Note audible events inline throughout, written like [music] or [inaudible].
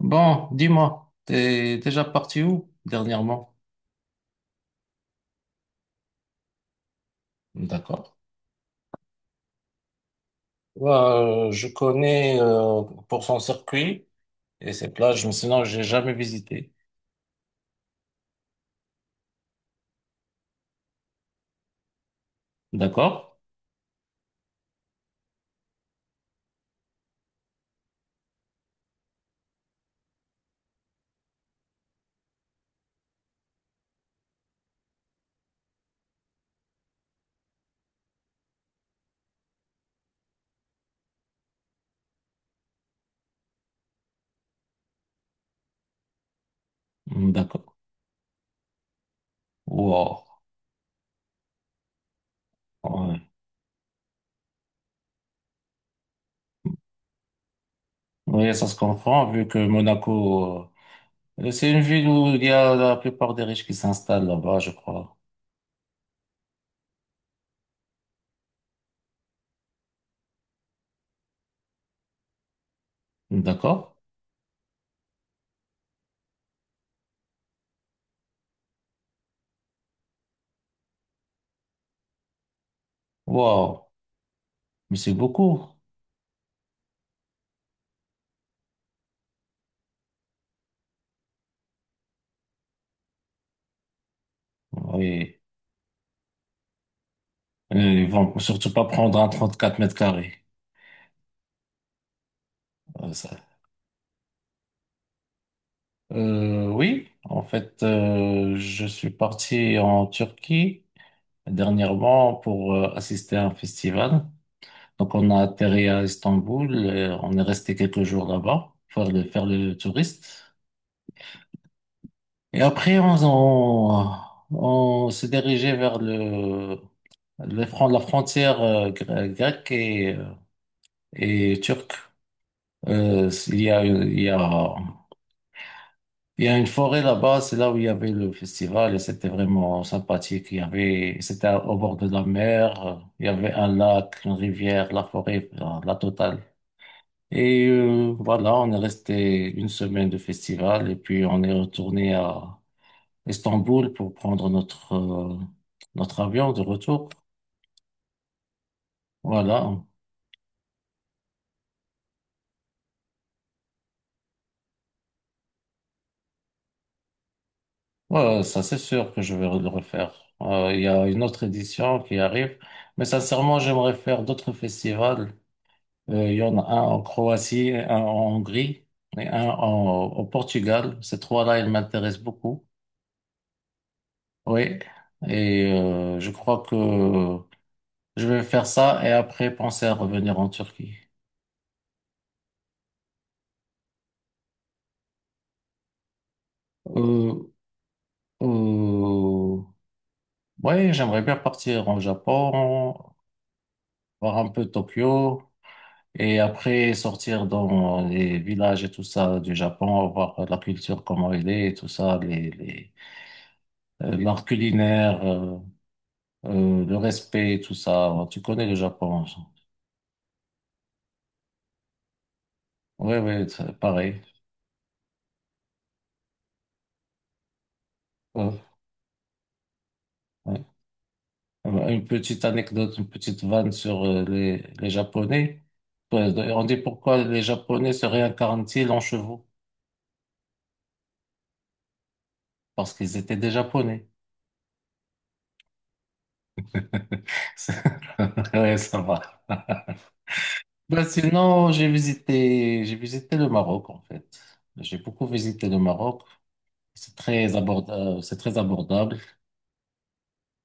Bon, dis-moi, t'es déjà parti où dernièrement? D'accord. Ouais, je connais pour son circuit et ses plages, mais sinon j'ai jamais visité. D'accord. Hmm, d'accord. Wow. Ouais. Ouais, ça se comprend vu que Monaco, c'est une ville où il y a la plupart des riches qui s'installent là-bas, je crois. D'accord. Wow. Mais c'est beaucoup. Oui. Euh, ils vont surtout pas prendre un 34 mètres carrés. Ça. Oui, en fait, je suis parti en Turquie dernièrement pour assister à un festival. Donc, on a atterri à Istanbul, et on est resté quelques jours là-bas pour faire le touriste. Et après, on s'est dirigé vers la frontière grecque et turque. Euh, il y a, il y a Il y a une forêt là-bas, c'est là où il y avait le festival et c'était vraiment sympathique. C'était au bord de la mer, il y avait un lac, une rivière, la forêt, la totale. Et voilà, on est resté une semaine de festival et puis on est retourné à Istanbul pour prendre notre notre avion de retour. Voilà, ouais, ça c'est sûr que je vais le refaire. Il y a une autre édition qui arrive, mais sincèrement, j'aimerais faire d'autres festivals. Il y en a un en Croatie, un en Hongrie et au Portugal. Ces trois-là, ils m'intéressent beaucoup. Oui. Et je crois que je vais faire ça et après penser à revenir en Turquie. Euh, euh, ouais, j'aimerais bien partir en Japon, voir un peu Tokyo et après sortir dans les villages et tout ça du Japon, voir la culture, comment elle est et tout ça, l'art culinaire. Le respect, tout ça. Ouais, tu connais le Japon. Oui, oui, pareil. Ouais, ouais. Une petite anecdote, une petite vanne sur les Japonais. Ouais, on dit pourquoi les Japonais se réincarnent-ils en chevaux? Parce qu'ils étaient des Japonais. [laughs] Ouais, ça va. [laughs] Ben sinon, j'ai visité le Maroc en fait. J'ai beaucoup visité le Maroc. C'est très abordable.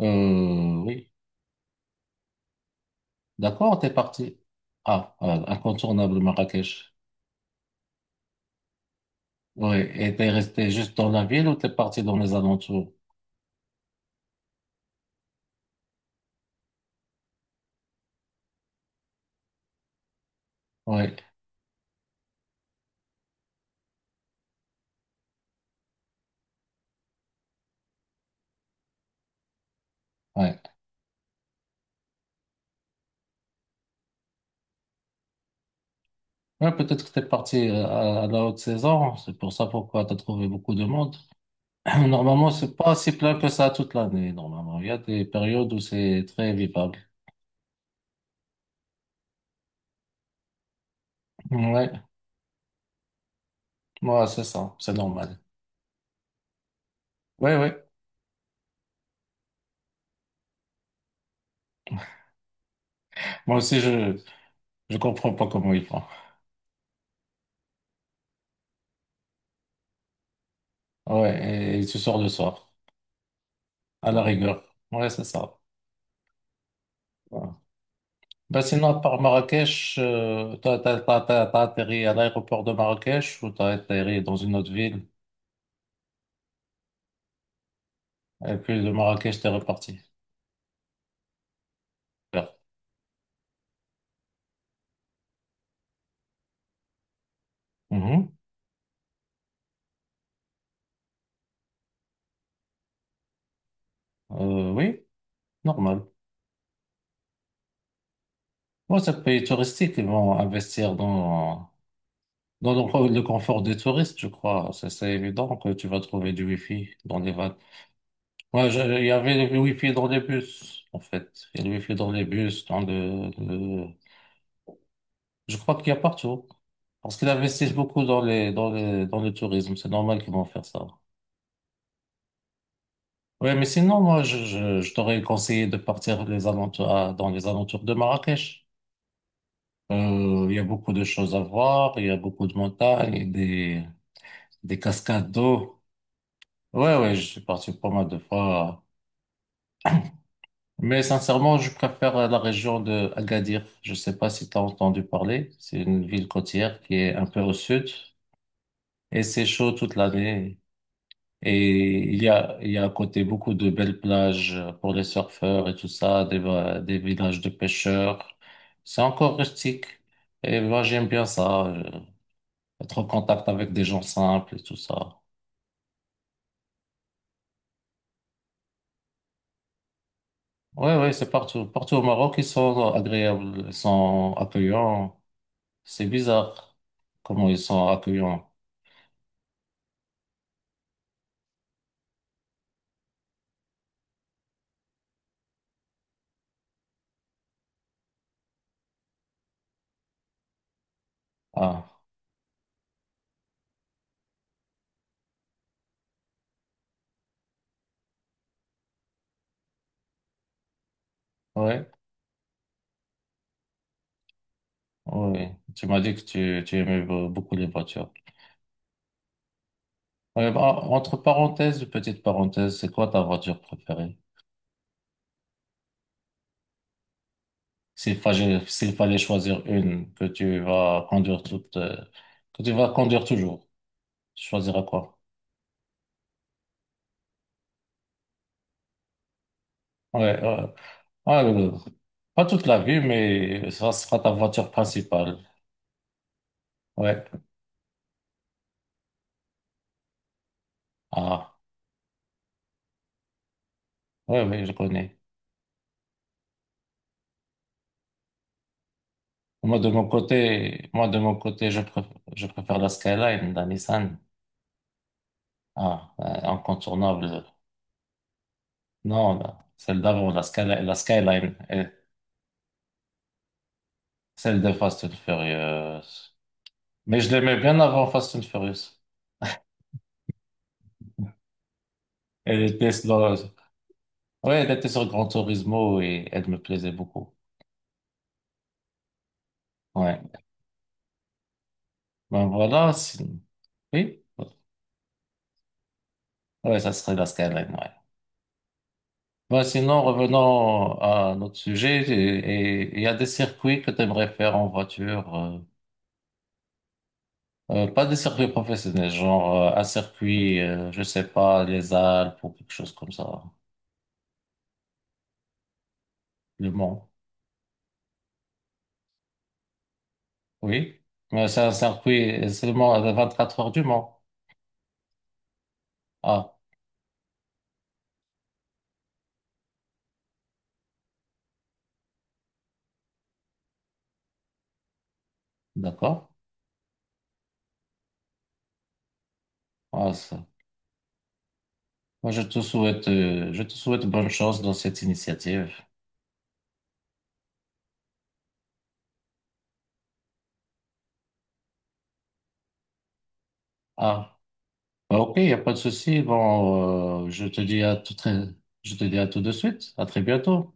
Oui, d'accord, t'es parti. Ah, incontournable Marrakech. Oui, et t'es resté juste dans la ville ou t'es parti dans les alentours? Oui, oui. Ouais, peut-être que t'es parti à la haute saison, c'est pour ça pourquoi t'as trouvé beaucoup de monde. [laughs] [clears throat] Normalement, c'est pas si plein que ça toute l'année, normalement. Il y a des périodes où c'est très vivable. Ouais, ouais, c'est ça, c'est normal. Oui, oui. Moi aussi, je comprends pas comment ils font. Ouais, et tu sors le soir, à la rigueur. Ouais, c'est ça. Ouais. Bah sinon, à part Marrakech, t'as atterri à l'aéroport de Marrakech ou t'as atterri dans une autre ville et puis de Marrakech, t'es reparti. Super. Mhm. Oui, normal. Moi, c'est un pays touristique, ils vont investir dans le confort des touristes, je crois. C'est évident que tu vas trouver du wifi dans les vannes. Moi, il y avait le wifi dans les bus, en fait. Il y a le wifi dans les bus, je crois qu'il y a partout. Parce qu'ils investissent beaucoup dans le tourisme. C'est normal qu'ils vont faire ça. Ouais, mais sinon, je t'aurais conseillé de partir les alentours, dans les alentours de Marrakech. Il y a beaucoup de choses à voir. Il y a beaucoup de montagnes, des cascades d'eau. Ouais, ouais, je suis parti pas mal de fois. Mais sincèrement, je préfère la région de Agadir. Je sais pas si tu as entendu parler. C'est une ville côtière qui est un peu au sud. Et c'est chaud toute l'année. Et il y a à côté beaucoup de belles plages pour les surfeurs et tout ça, des villages de pêcheurs. C'est encore rustique. Et moi, j'aime bien ça, être en contact avec des gens simples et tout ça. Ouais, ouais, c'est partout. Partout au Maroc, ils sont agréables, ils sont accueillants. C'est bizarre comment ils sont accueillants. Ah, ouais. Oui, tu m'as dit que tu aimais beaucoup les voitures. Ouais, bah, entre parenthèses, petite parenthèse, c'est quoi ta voiture préférée? S'il fallait choisir une que tu vas conduire toute, que tu vas conduire toujours, tu choisiras quoi? Ouais, euh, ouais, euh, pas toute la vie, mais ça sera ta voiture principale. Ouais. Ah, ouais, oui, je connais. Moi, de mon côté, je préfère la Skyline, la Nissan. Ah, incontournable. Non, non. Celle d'avant, la Skyline, eh, celle de Fast and Furious. Mais je l'aimais bien avant Fast and Furious. Elle était sur, ouais, elle était sur Gran Turismo et elle me plaisait beaucoup. Ouais. Ben voilà, oui. Ouais, ça serait la Skyline, ouais. Ben sinon, revenons à notre sujet. Et il y a des circuits que tu aimerais faire en voiture. Pas des circuits professionnels, genre un circuit, je sais pas, les Alpes ou quelque chose comme ça. Le Mans. Oui, mais c'est un circuit seulement à 24 heures du Mans. Ah, d'accord. Ah, ça. Moi, je te souhaite bonne chance dans cette initiative. Ah, bah, ok, il n'y a pas de souci. Bon, je te dis à tout de suite. À très bientôt.